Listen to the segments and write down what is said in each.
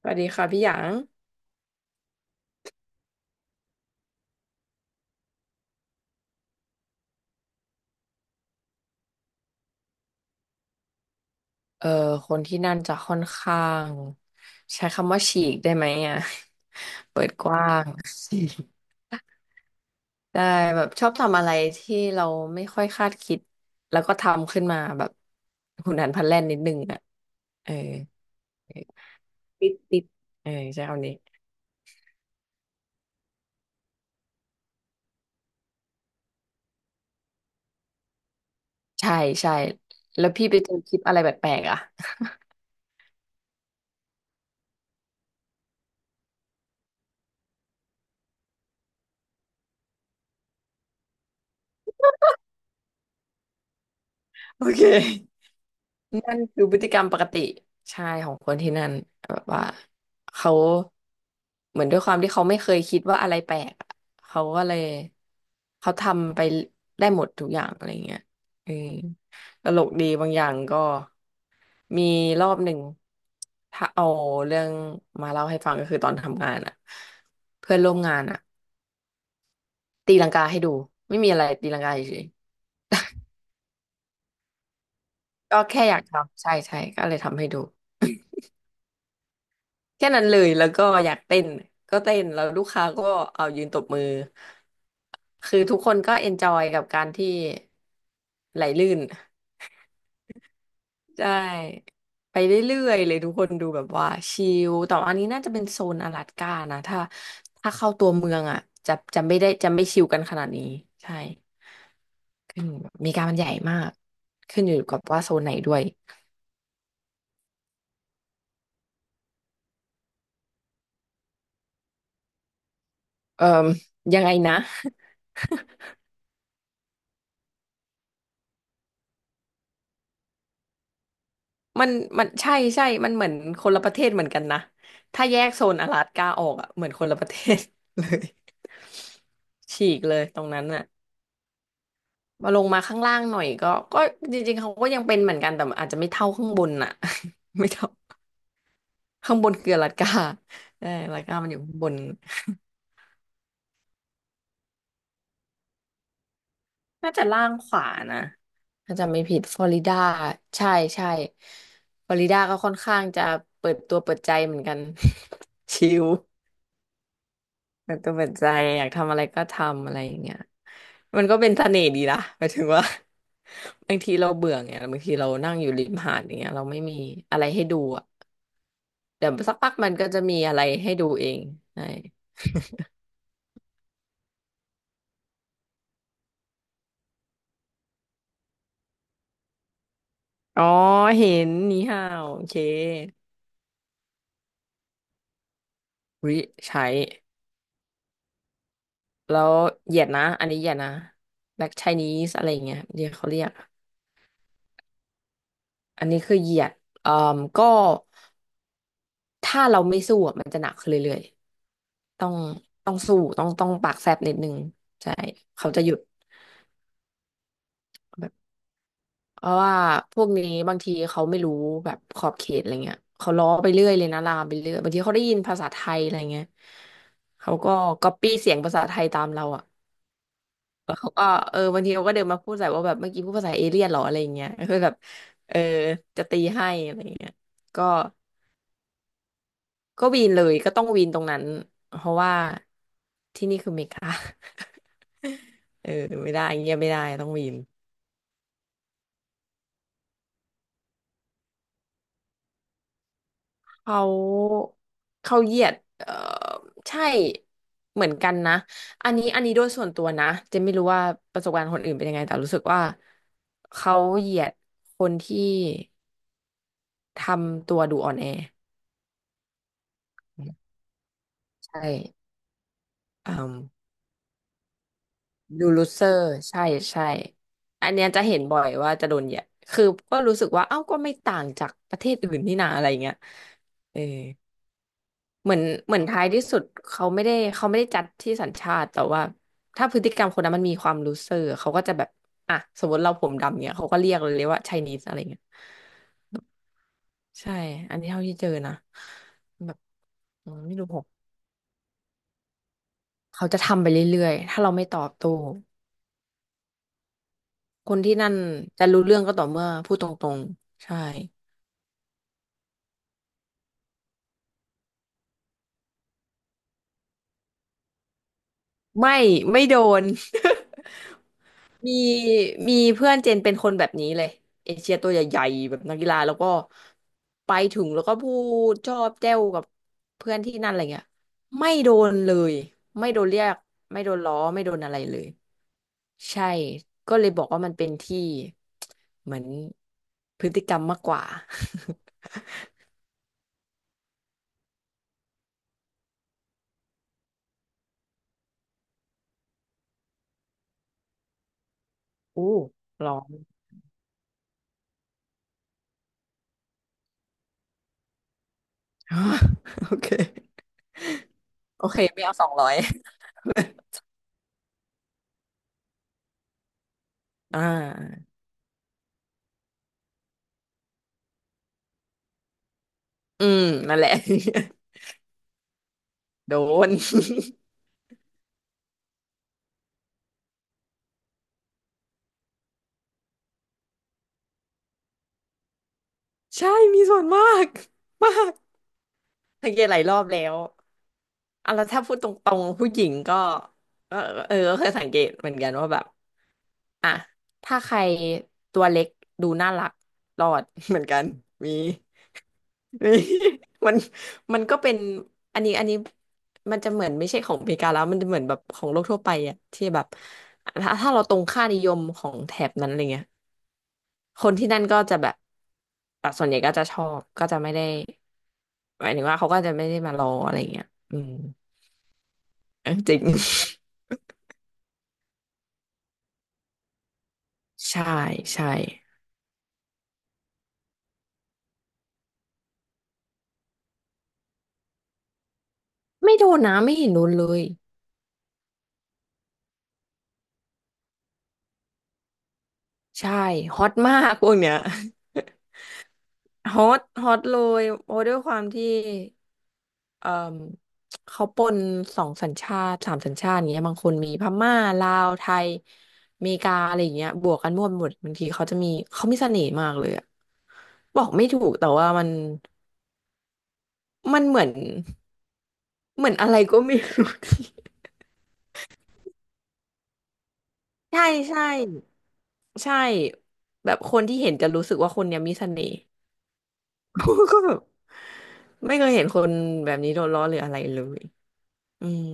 สวัสดีค่ะพี่หยางเออคนที่นั่นจะค่อนข้างใช้คำว่าฉีกได้ไหมอ่ะ เปิดกว้าง ได้แบบชอบทำอะไรที่เราไม่ค่อยคาดคิดแล้วก็ทำขึ้นมาแบบหุนหันพลันแล่นนิดนึงอ่ะเออเออติดเออใช้คำนี้ใช่ใช่แล้วพี่ไปเจอคลิปอะไรแปลกๆอ่ะ โอเค นั่นคือพฤติกรรมปกติใช่ของคนที่นั่นแบบว่าเขาเหมือนด้วยความที่เขาไม่เคยคิดว่าอะไรแปลกอะเขาก็เลยเขาทำไปได้หมดทุกอย่างอะไรเงี้ยเออตลกดีบางอย่างก็มีรอบหนึ่งถ้าเอาเรื่องมาเล่าให้ฟังก็คือตอนทำงานอะเพื่อนร่วมงานอะตีลังกาให้ดูไม่มีอะไรตีลังกาเฉยๆก็แค่อยากทำใช่ใช่ก็เลยทำให้ดู แค่นั้นเลยแล้วก็อยากเต้นก็เต้นแล้วลูกค้าก็เอายืนตบมือคือทุกคนก็เอนจอยกับการที่ไหลลื่นใช่ไปเรื่อยๆเลยทุกคนดูแบบว่าชิลแต่ว่าอันนี้น่าจะเป็นโซนอลาสก้านะถ้าเข้าตัวเมืองอ่ะจะไม่ได้จะไม่ชิลกันขนาดนี้ใช่ขึ้นอเมีการมันใหญ่มากขึ้นอยู่กับว่าโซนไหนด้วยเอ่อยังไงนะ มันมันใช่ใช่มันเหมือนคนละประเทศเหมือนกันนะถ้าแยกโซนอลาสก้าออกอ่ะเหมือนคนละประเทศเลยฉีกเลยตรงนั้นอ่ะมาลงมาข้างล่างหน่อยก็จริงๆเขาก็ยังเป็นเหมือนกันแต่อาจจะไม่เท่าข้างบนอ่ะ ไม่เท่าข้างบนคืออลาสก้าใช่อลาสก้ามันอยู่ข้างบนน่าจะล่างขวานะถ้าจำไม่ผิดฟลอริดาใช่ใช่ฟลอริดาก็ค่อนข้างจะเปิดตัวเปิดใจเหมือนกัน ชิล เปิดตัวเปิดใจอยากทำอะไรก็ทำอะไรอย่างเงี้ยมันก็เป็นเสน่ห์ดีนะหมายถึงว่า บางทีเราเบื่อไงบางทีเรานั่งอยู่ริมหาดอย่างเงี้ยเราไม่มีอะไรให้ดูอ่ะเดี๋ยวสักพักมันก็จะมีอะไรให้ดูเองใช่อ๋อเห็นนี่ฮาวโอเคริใช้แล้วเหยียดนะอันนี้เหยียดนะ Black Chinese อะไรอย่างเงี้ยเดี๋ยวเขาเรียกอันนี้คือเหยียดเอ่อก็ถ้าเราไม่สู้อะมันจะหนักขึ้นเรื่อย ต้องต้องสู้ต้องปากแซบนิดนึงใช่เขาจะหยุดแบบเพราะว่าพวกนี้บางทีเขาไม่รู้แบบขอบเขตอะไรเงี้ยเขาล้อไปเรื่อยเลยนะลามไปเรื่อยบางทีเขาได้ยินภาษาไทยอะไรเงี้ยเขาก็ก๊อปปี้เสียงภาษาไทยตามเราอ่ะเขาก็เออบางทีเขาก็เดินมาพูดใส่ว่าแบบเมื่อกี้พูดภาษาเอเลี่ยนเหรออะไรเงี้ยคือแบบเออจะตีให้อะไรเงี้ยก็ก็วีนเลยก็ต้องวีนตรงนั้นเพราะว่าที่นี่คืออเมริกา เออไม่ได้เงี้ยไม่ได้ต้องวีน เขาเขาเหยียดเออใช่เหมือนกันนะอันนี้โดยส่วนตัวนะเจะไม่รู้ว่าประสบการณ์คนอื่นเป็นยังไงแต่รู้สึกว่าเขาเหยียดคนที่ทำตัวดูอ่อนแอใช่อืมดูลูเซอร์ใช่ใช่อันเนี้ยจะเห็นบ่อยว่าจะโดนเหยียดคือก็รู้สึกว่าเอ้าก็ไม่ต่างจากประเทศอื่นนี่นาอะไรเงี้ยเออ เหมือนเหมือนท้ายที่สุดเขาไม่ได้จัดที่สัญชาติแต่ว่าถ้าพฤติกรรมคนนั้นมันมีความรู้เซอร์เขาก็จะแบบอ่ะสมมติเราผมดำเนี่ยเขาก็เรียกเลยว่าไชนีสอะไรเงี้ยใช่อันนี้เท่าที่เจอนะแบบอืมไม่รู้ผมเขาจะทำไปเรื่อยๆถ้าเราไม่ตอบโต้คนที่นั่นจะรู้เรื่องก็ต่อเมื่อพูดตรงๆใช่ไม่ไม่โดน มีมีเพื่อนเจนเป็นคนแบบนี้เลยเอเชียตัวใหญ่ๆแบบนักกีฬาแล้วก็ไปถึงแล้วก็พูดชอบแจ้วกับเพื่อนที่นั่นอะไรเงี้ยไม่โดนเลยไม่โดนเรียกไม่โดนล้อไม่โดนอะไรเลยใช่ก็เลยบอกว่ามันเป็นที่ เหมือนพฤติกรรมมากกว่า อู้ร้อง โอเคโอเคไม่เอา200 อ่าอืมนั่นแหละ โดน ใช่มีส่วนมาก มากสังเกตหลายรอบแล้วอ่ะแล้วถ้าพูดตรงๆผู้หญิงก็เออเออก็เคยสังเกตเหมือนกันว่าแบบอ่ะถ้าใครตัวเล็กดูน่ารักรอด เหมือนกันมี มีมันมันก็เป็นอันนี้มันจะเหมือนไม่ใช่ของอเมริกาแล้วมันจะเหมือนแบบของโลกทั่วไปอะที่แบบถ้าเราตรงค่านิยมของแถบนั้นอะไรเงี้ย คนที่นั่นก็จะแบบอ่ะส่วนใหญ่ก็จะชอบก็จะไม่ได้หมายถึงว่าเขาก็จะไม่ได้มารออะไรเงี้ยอืม เออจริง ใช่ใช่ไม่โดนนะไม่เห็นโดนเลยใช่ฮอตมากพวกเนี้ย ฮอตฮอตเลยเพราะด้วยความที่ เอ่อเขาปนสองสัญชาติสามสัญชาติอย่างเงี้ยบางคนมีพม่าลาวไทยอเมริกาอะไรอย่างเงี้ยบวกกันมั่วไปหมดบางทีเขามีเสน่ห์มากเลยอะบอกไม่ถูกแต่ว่ามันเหมือนเหมือนอะไรก็ไม่รู้ ที่ ใช่ใช่ใช่แบบคนที่เห็นจะรู้สึกว่าคนเนี้ยมีเสน่ห์ ก็แบบไม่เคยเห็นคนแบบนี้โดนล้อหรืออะไรเลยอืม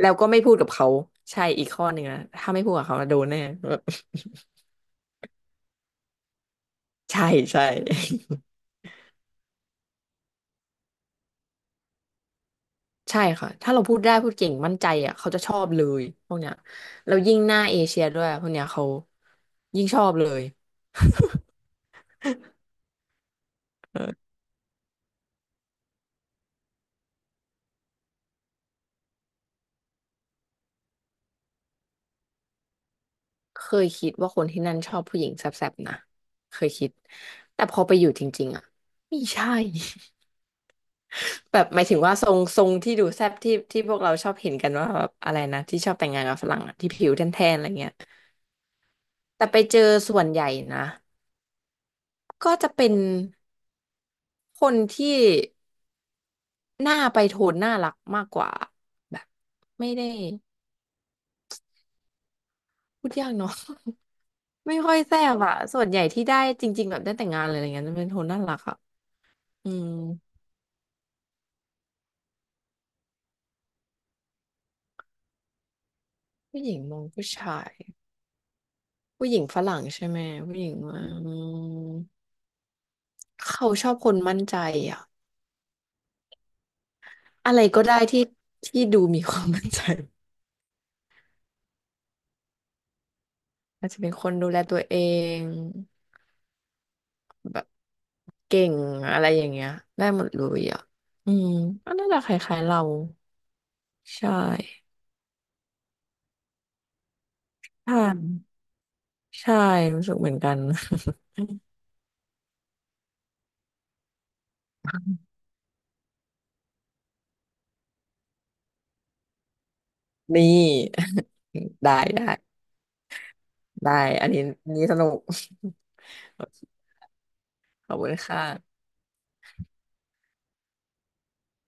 แล้วก็ไม่พูดกับเขาใช่อีกข้อหนึ่งนะถ้าไม่พูดกับเขานะโดนแน่ ใช่ใช่ ใช่ค่ะถ้าเราพูดได้พูดเก่งมั่นใจอ่ะเขาจะชอบเลยพวกเนี้ยแล้วยิ่งหน้าเอเชียด้วยพวกเนี้ยเขายิ่งชอบเลยเออเคยคิดว่าคนที่นั่นชอบผู้หญิงแซ่บๆนะเคยคิดแต่พอไปอยู่จริงๆอ่ะไม่ใช่ แบบหมายถึงว่าทรงที่ดูแซ่บที่พวกเราชอบเห็นกันว่าแบบอะไรนะที่ชอบแต่งงานกับฝรั่งอะที่ผิวแทนๆอะไรเงี้ยแต่ไปเจอส่วนใหญ่นะ ก็จะเป็นคนที่หน้าไปโทนน่ารักมากกว่าแบบไม่ได้พูดยากเนาะ ไม่ค่อยแซ่บอะส่วนใหญ่ที่ได้จริงๆแบบได้แต่งงานอะไรอย่างเงี้ยจะเป็นโทนน่ารักอะอืมผู้หญิงมองผู้ชายผู้หญิงฝรั่งใช่ไหมผู้หญิงว่าอืมเขาชอบคนมั่นใจอะอะไรก็ได้ที่ดูมีความมั่นใจอาจจะเป็นคนดูแลตัวเอง แบบเก่งอะไรอย่างเงี้ยได้หมดเลยอ่ะอืมก็น่าจะคล้ายๆเราใช่ใช่านใช่รู้สึกเหมือนกัน นี่ ได้ได้อันนี้อันนี้สนุก โอเคขอบคุณค่ะ